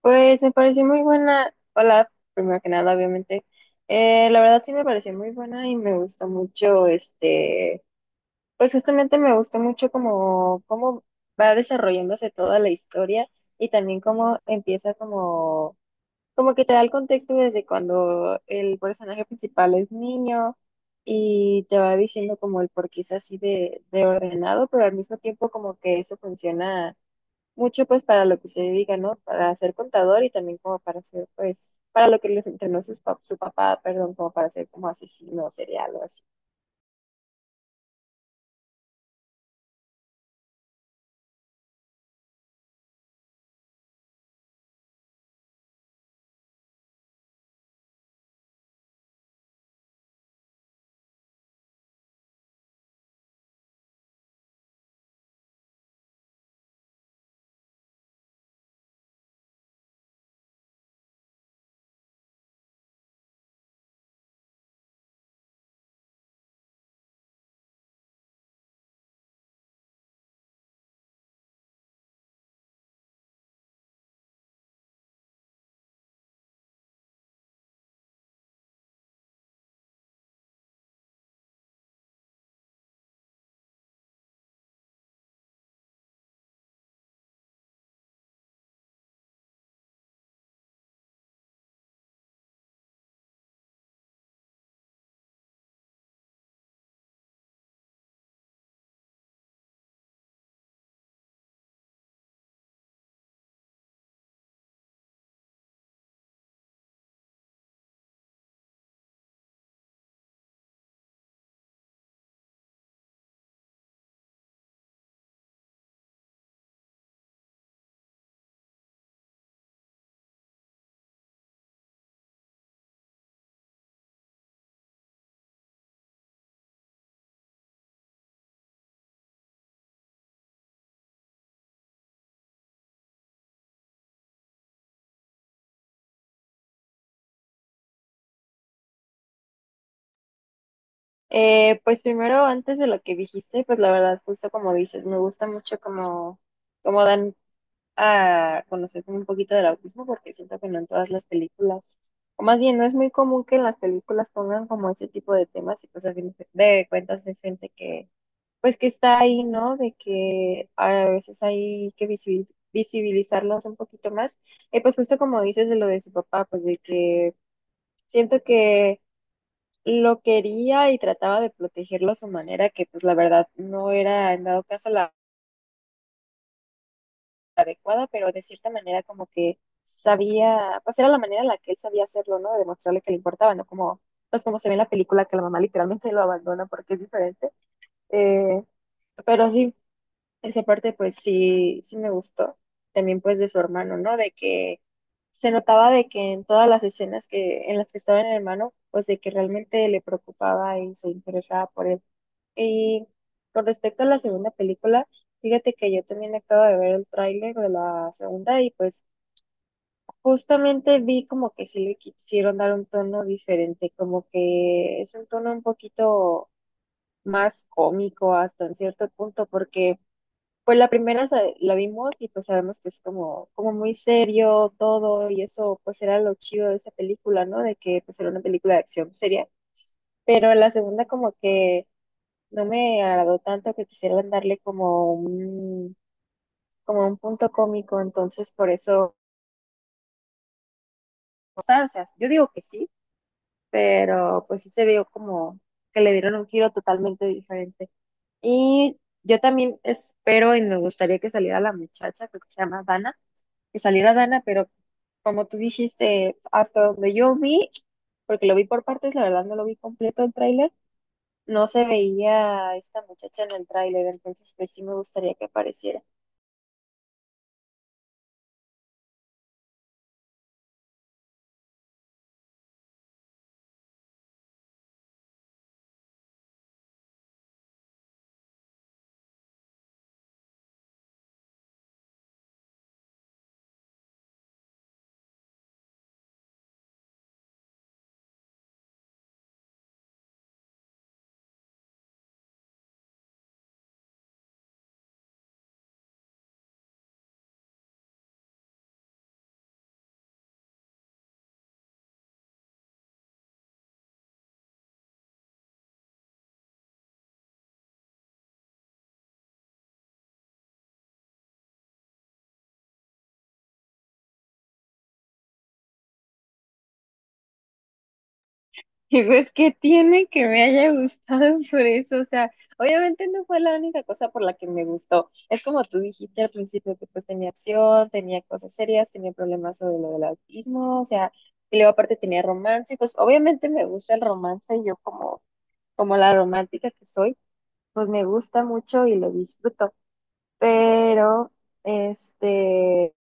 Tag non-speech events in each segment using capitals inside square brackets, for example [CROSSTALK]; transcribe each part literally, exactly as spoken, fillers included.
Pues me pareció muy buena. Hola, primero que nada, obviamente. Eh, la verdad sí me pareció muy buena y me gustó mucho, este, pues justamente me gustó mucho como cómo va desarrollándose toda la historia y también cómo empieza como, como que te da el contexto desde cuando el personaje principal es niño y te va diciendo como el por qué es así de, de ordenado, pero al mismo tiempo como que eso funciona mucho pues para lo que se dedica, ¿no? Para ser contador y también como para ser pues, para lo que les entrenó sus pap- su papá, perdón, como para ser como asesino serial o así. Eh, pues primero, antes de lo que dijiste, pues la verdad, justo como dices, me gusta mucho como, como dan a conocer como un poquito del autismo porque siento que no en todas las películas, o más bien no es muy común que en las películas pongan como ese tipo de temas y pues a fin de cuentas es gente que pues que está ahí, ¿no? De que a veces hay que visibiliz- visibilizarlos un poquito más. Y pues justo como dices de lo de su papá, pues de que siento que lo quería y trataba de protegerlo a su manera, que pues la verdad no era en dado caso la adecuada, pero de cierta manera como que sabía, pues era la manera en la que él sabía hacerlo, ¿no? De demostrarle que le importaba, ¿no? Como, pues como se ve en la película que la mamá literalmente lo abandona porque es diferente. Eh, pero sí, esa parte pues sí, sí me gustó. También pues de su hermano, ¿no? De que se notaba de que en todas las escenas que, en las que estaba el hermano, pues de que realmente le preocupaba y se interesaba por él. Y con respecto a la segunda película, fíjate que yo también acabo de ver el tráiler de la segunda y pues justamente vi como que sí le quisieron dar un tono diferente, como que es un tono un poquito más cómico hasta en cierto punto, porque pues la primera sa- la vimos y pues sabemos que es como, como muy serio todo y eso pues era lo chido de esa película, ¿no? De que pues era una película de acción seria. Pero la segunda como que no me agradó tanto que quisieran darle como un, como un punto cómico, entonces por eso, o sea, o sea, yo digo que sí, pero pues sí se vio como que le dieron un giro totalmente diferente. Y yo también espero y me gustaría que saliera la muchacha, creo que se llama Dana, que saliera Dana, pero como tú dijiste, hasta donde yo vi, porque lo vi por partes, la verdad no lo vi completo el tráiler, no se veía a esta muchacha en el tráiler, entonces pues sí me gustaría que apareciera. [LAUGHS] Y pues qué tiene que me haya gustado por eso, o sea, obviamente no fue la única cosa por la que me gustó. Es como tú dijiste al principio que pues tenía acción, tenía cosas serias, tenía problemas sobre lo del autismo, o sea, y luego aparte tenía romance, y pues obviamente me gusta el romance, yo como como la romántica que soy, pues me gusta mucho y lo disfruto. Pero este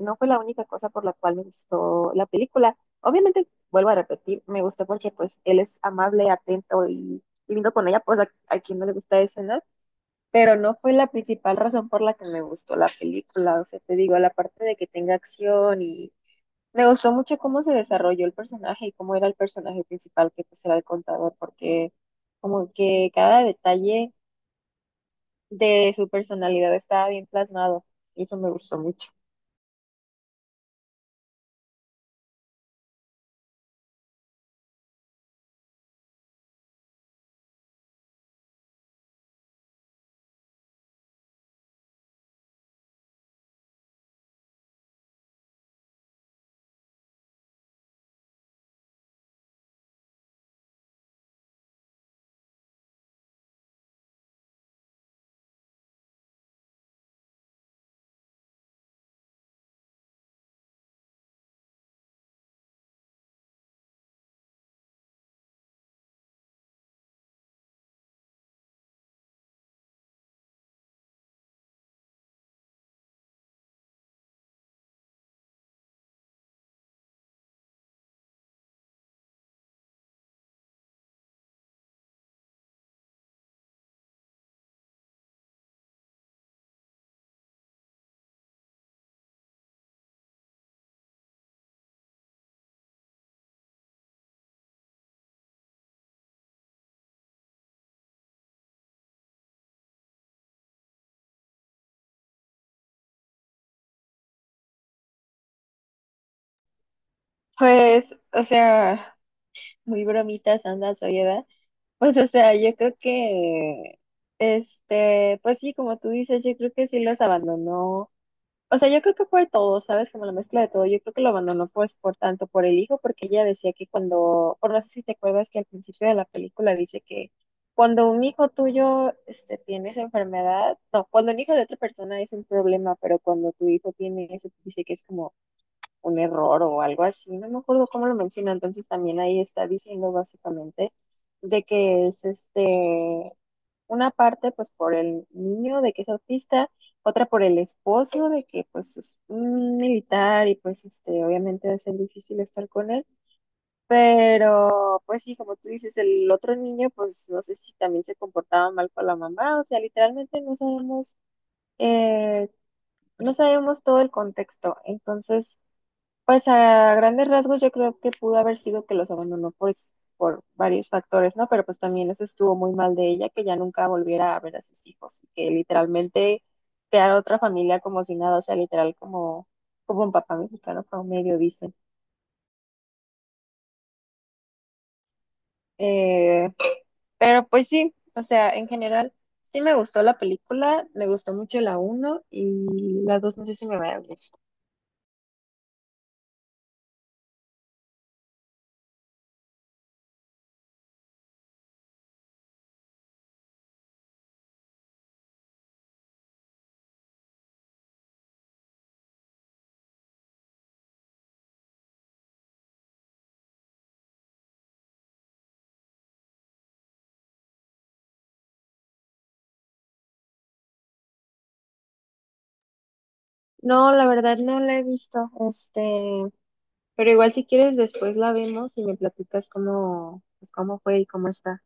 no fue la única cosa por la cual me gustó la película. Obviamente, vuelvo a repetir, me gustó porque pues él es amable, atento y lindo con ella, pues a, a quien no le gusta eso, ¿no? Pero no fue la principal razón por la que me gustó la película. O sea, te digo, la parte de que tenga acción y me gustó mucho cómo se desarrolló el personaje y cómo era el personaje principal, que pues era el contador, porque como que cada detalle de su personalidad estaba bien plasmado y eso me gustó mucho. Pues, o sea, muy bromitas anda oye, ¿verdad? Pues, o sea, yo creo que, este, pues sí, como tú dices, yo creo que sí los abandonó. O sea, yo creo que fue todo, ¿sabes? Como la mezcla de todo. Yo creo que lo abandonó pues por tanto por el hijo, porque ella decía que cuando, por no sé si te acuerdas que al principio de la película dice que cuando un hijo tuyo este, tiene esa enfermedad, no, cuando un hijo de otra persona es un problema, pero cuando tu hijo tiene eso, dice que es como un error o algo así. No me acuerdo cómo lo menciona. Entonces también ahí está diciendo básicamente de que es este una parte pues por el niño de que es autista, otra por el esposo de que pues es un militar y pues este obviamente va a ser difícil estar con él, pero pues sí, como tú dices, el otro niño pues no sé si también se comportaba mal con la mamá, o sea, literalmente no sabemos eh, no sabemos todo el contexto, entonces pues a grandes rasgos yo creo que pudo haber sido que los abandonó por, por varios factores, ¿no? Pero pues también eso estuvo muy mal de ella, que ya nunca volviera a ver a sus hijos, y que literalmente crear otra familia como si nada, o sea, literal como, como un papá mexicano medio dicen. Eh, pero pues sí, o sea, en general sí me gustó la película, me gustó mucho la uno y la dos no sé si me va a gustar. No, la verdad no la he visto, este, pero igual si quieres después la vemos y me platicas cómo, pues cómo fue y cómo está.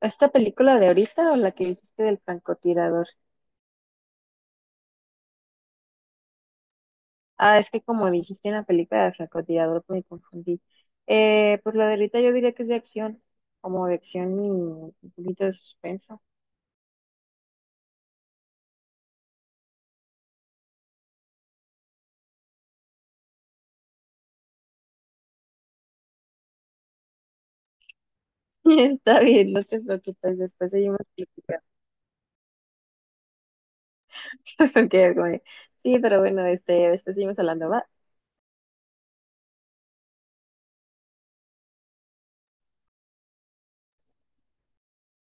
¿Esta película de ahorita o la que hiciste del francotirador? Ah, es que como dijiste en la película del francotirador me confundí. Eh, pues la de ahorita yo diría que es de acción, como de acción y un poquito de suspenso. [LAUGHS] Está bien, no te preocupes, después seguimos platicando. [LAUGHS] Ok, güey. Sí, pero bueno, este, después seguimos hablando, ¿va?